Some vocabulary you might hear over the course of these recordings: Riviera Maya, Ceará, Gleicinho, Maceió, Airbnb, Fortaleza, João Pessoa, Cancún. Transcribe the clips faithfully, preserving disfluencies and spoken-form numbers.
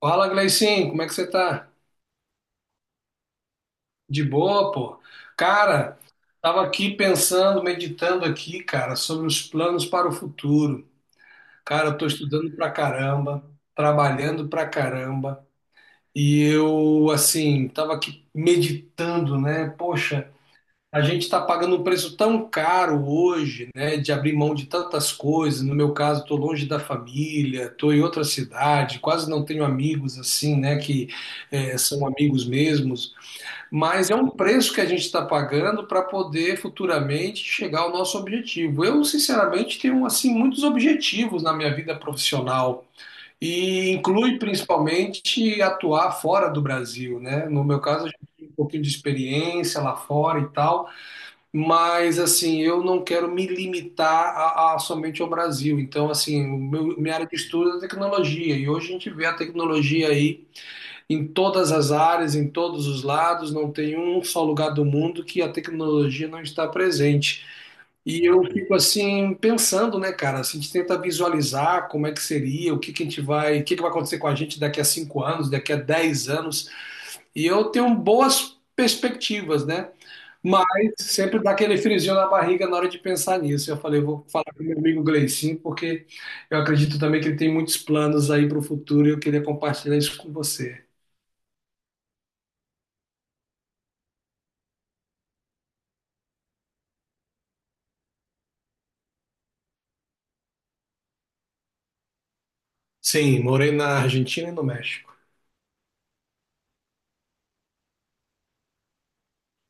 Fala, Gleicinho, como é que você tá? De boa, pô? Cara, tava aqui pensando, meditando aqui, cara, sobre os planos para o futuro. Cara, eu tô estudando pra caramba, trabalhando pra caramba, e eu, assim, tava aqui meditando, né? Poxa, a gente tá pagando um preço tão caro hoje, né, de abrir mão de tantas coisas. No meu caso, tô longe da família, tô em outra cidade, quase não tenho amigos assim, né, que eh, são amigos mesmos. Mas é um preço que a gente está pagando para poder futuramente chegar ao nosso objetivo. Eu, sinceramente, tenho assim muitos objetivos na minha vida profissional e inclui principalmente atuar fora do Brasil, né? No meu caso, eu já tenho um pouquinho de experiência lá fora e tal, mas assim, eu não quero me limitar a, a somente ao Brasil. Então, assim, o meu- minha área de estudo é a tecnologia e hoje a gente vê a tecnologia aí em todas as áreas, em todos os lados, não tem um só lugar do mundo que a tecnologia não está presente. E eu fico assim pensando, né, cara? Assim, a gente tenta visualizar como é que seria, o que que a gente vai, o que que vai acontecer com a gente daqui a cinco anos, daqui a dez anos. E eu tenho boas perspectivas, né? Mas sempre dá aquele friozinho na barriga na hora de pensar nisso. Eu falei, eu vou falar com meu amigo Gleicinho, porque eu acredito também que ele tem muitos planos aí para o futuro e eu queria compartilhar isso com você. Sim, morei na Argentina e no México.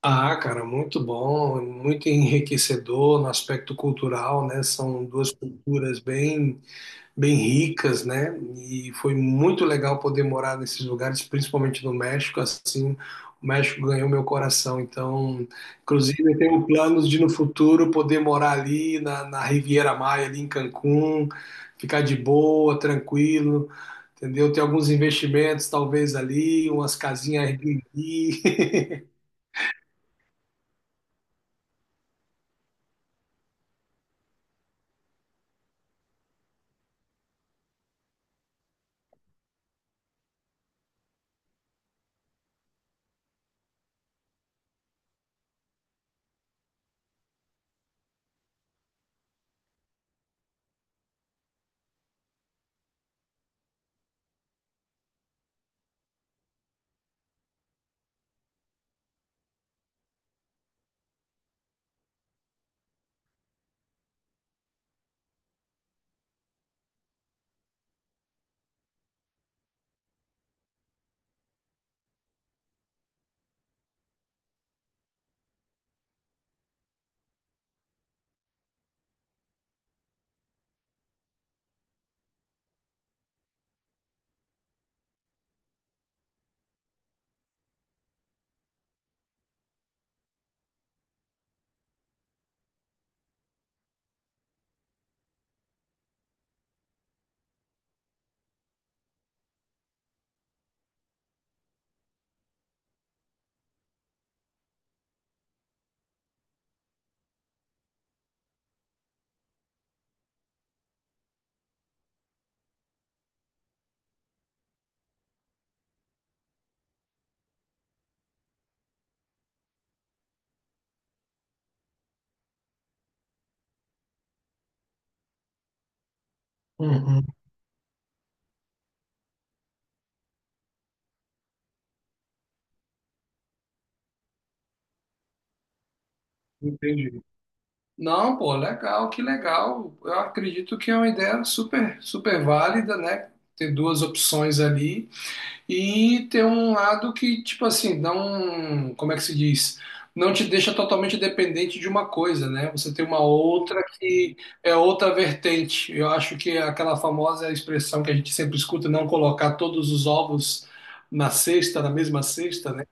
Ah, cara, muito bom, muito enriquecedor no aspecto cultural, né? São duas culturas bem, bem ricas, né? E foi muito legal poder morar nesses lugares, principalmente no México, assim, o México ganhou meu coração. Então, inclusive, eu tenho planos de no futuro poder morar ali na, na Riviera Maya, ali em Cancún, ficar de boa, tranquilo. Entendeu? Tem alguns investimentos, talvez ali, umas casinhas Airbnb. Uhum. Entendi. Não, pô, legal, que legal. Eu acredito que é uma ideia super, super válida, né? Ter duas opções ali. E tem um lado que, tipo assim, não, como é que se diz? Não te deixa totalmente dependente de uma coisa, né? Você tem uma outra que é outra vertente. Eu acho que é aquela famosa expressão que a gente sempre escuta, não colocar todos os ovos na cesta, na mesma cesta, né?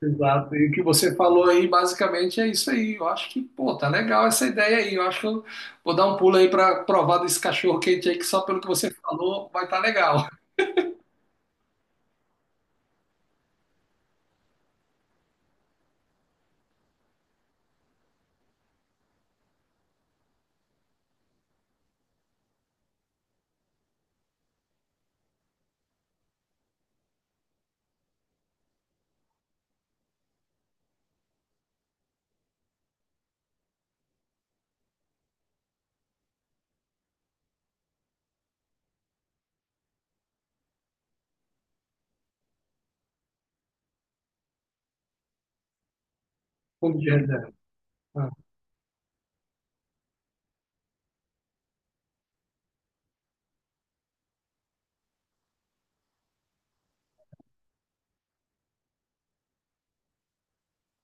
Exato. E o que você falou aí, basicamente, é isso aí. Eu acho que, pô, tá legal essa ideia aí. Eu acho que eu vou dar um pulo aí para provar desse cachorro quente aí, que só pelo que você falou vai estar tá legal. Bom dia, Zé. Ah.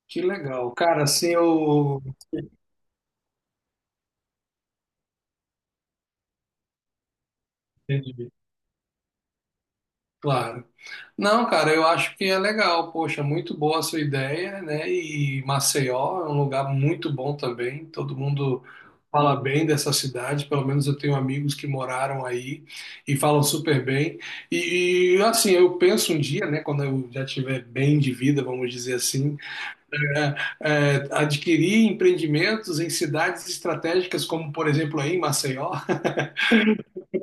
Que legal. Cara, assim eu. Entendi. Claro. Não, cara, eu acho que é legal. Poxa, muito boa a sua ideia, né? E Maceió é um lugar muito bom também. Todo mundo fala bem dessa cidade. Pelo menos eu tenho amigos que moraram aí e falam super bem. E, e, assim, eu penso um dia, né? Quando eu já tiver bem de vida, vamos dizer assim, é, é, adquirir empreendimentos em cidades estratégicas, como por exemplo aí em Maceió.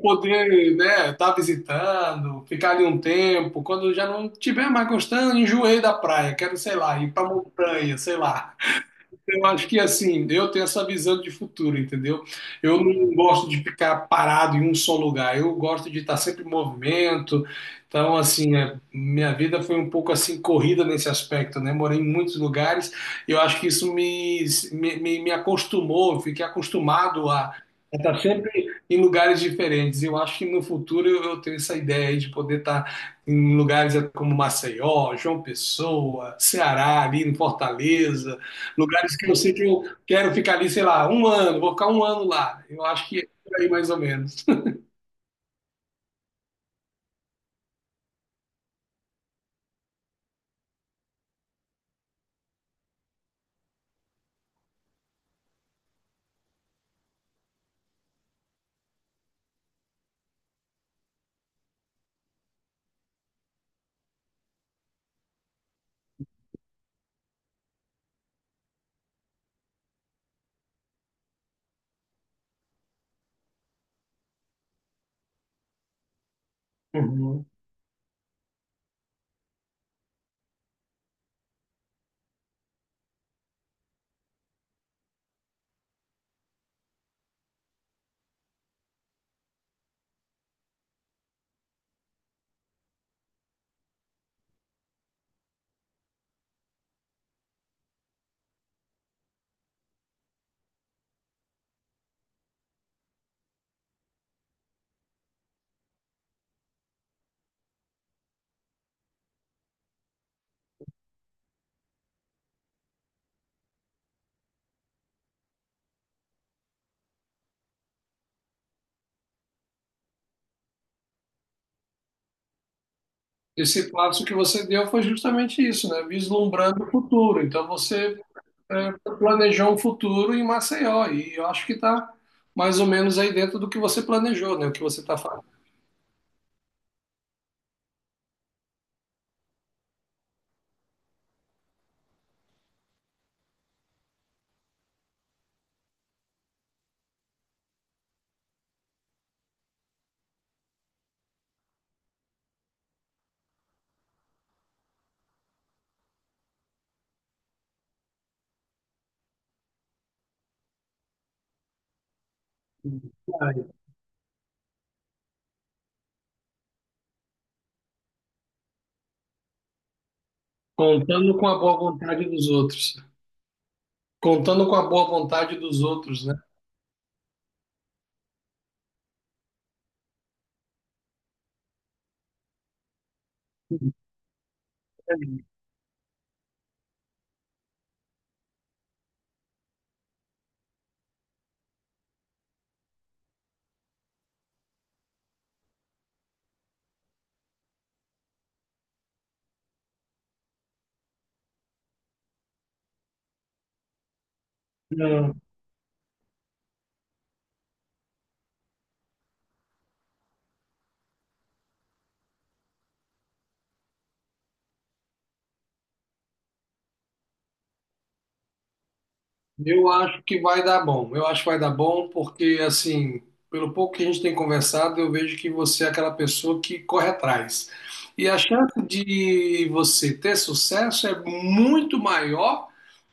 Poder, né, estar visitando, ficar ali um tempo, quando já não tiver mais gostando, enjoei da praia, quero, sei lá, ir pra montanha, sei lá. Eu acho que assim, eu tenho essa visão de futuro, entendeu? Eu não gosto de ficar parado em um só lugar, eu gosto de estar sempre em movimento. Então, assim, é, minha vida foi um pouco assim corrida nesse aspecto, né? Morei em muitos lugares eu acho que isso me, me, me, me acostumou, eu fiquei acostumado a a estar sempre em lugares diferentes. Eu acho que no futuro eu eu tenho essa ideia aí de poder estar em lugares como Maceió, João Pessoa, Ceará, ali em Fortaleza. Lugares que eu sei que eu quero ficar ali, sei lá, um ano, vou ficar um ano lá. Eu acho que é por aí mais ou menos. Uhum. Esse passo que você deu foi justamente isso, né? Vislumbrando o futuro. Então você é, planejou um futuro em Maceió e eu acho que está mais ou menos aí dentro do que você planejou, né? O que você está fazendo. Contando com a boa vontade dos outros. Contando com a boa vontade dos outros, né? Eu acho que vai dar bom. Eu acho que vai dar bom porque, assim, pelo pouco que a gente tem conversado, eu vejo que você é aquela pessoa que corre atrás. E a chance de você ter sucesso é muito maior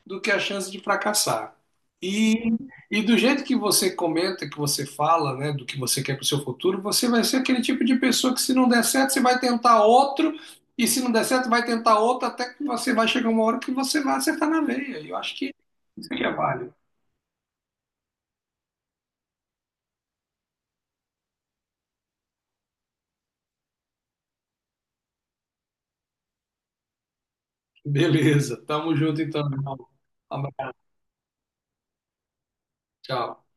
do que a chance de fracassar. E, e do jeito que você comenta, que você fala, né, do que você quer para o seu futuro, você vai ser aquele tipo de pessoa que, se não der certo, você vai tentar outro, e se não der certo, vai tentar outro, até que você vai chegar uma hora que você vai acertar na veia. E eu acho que isso que é válido. Beleza, tamo junto então, irmão. Um abraço, tchau.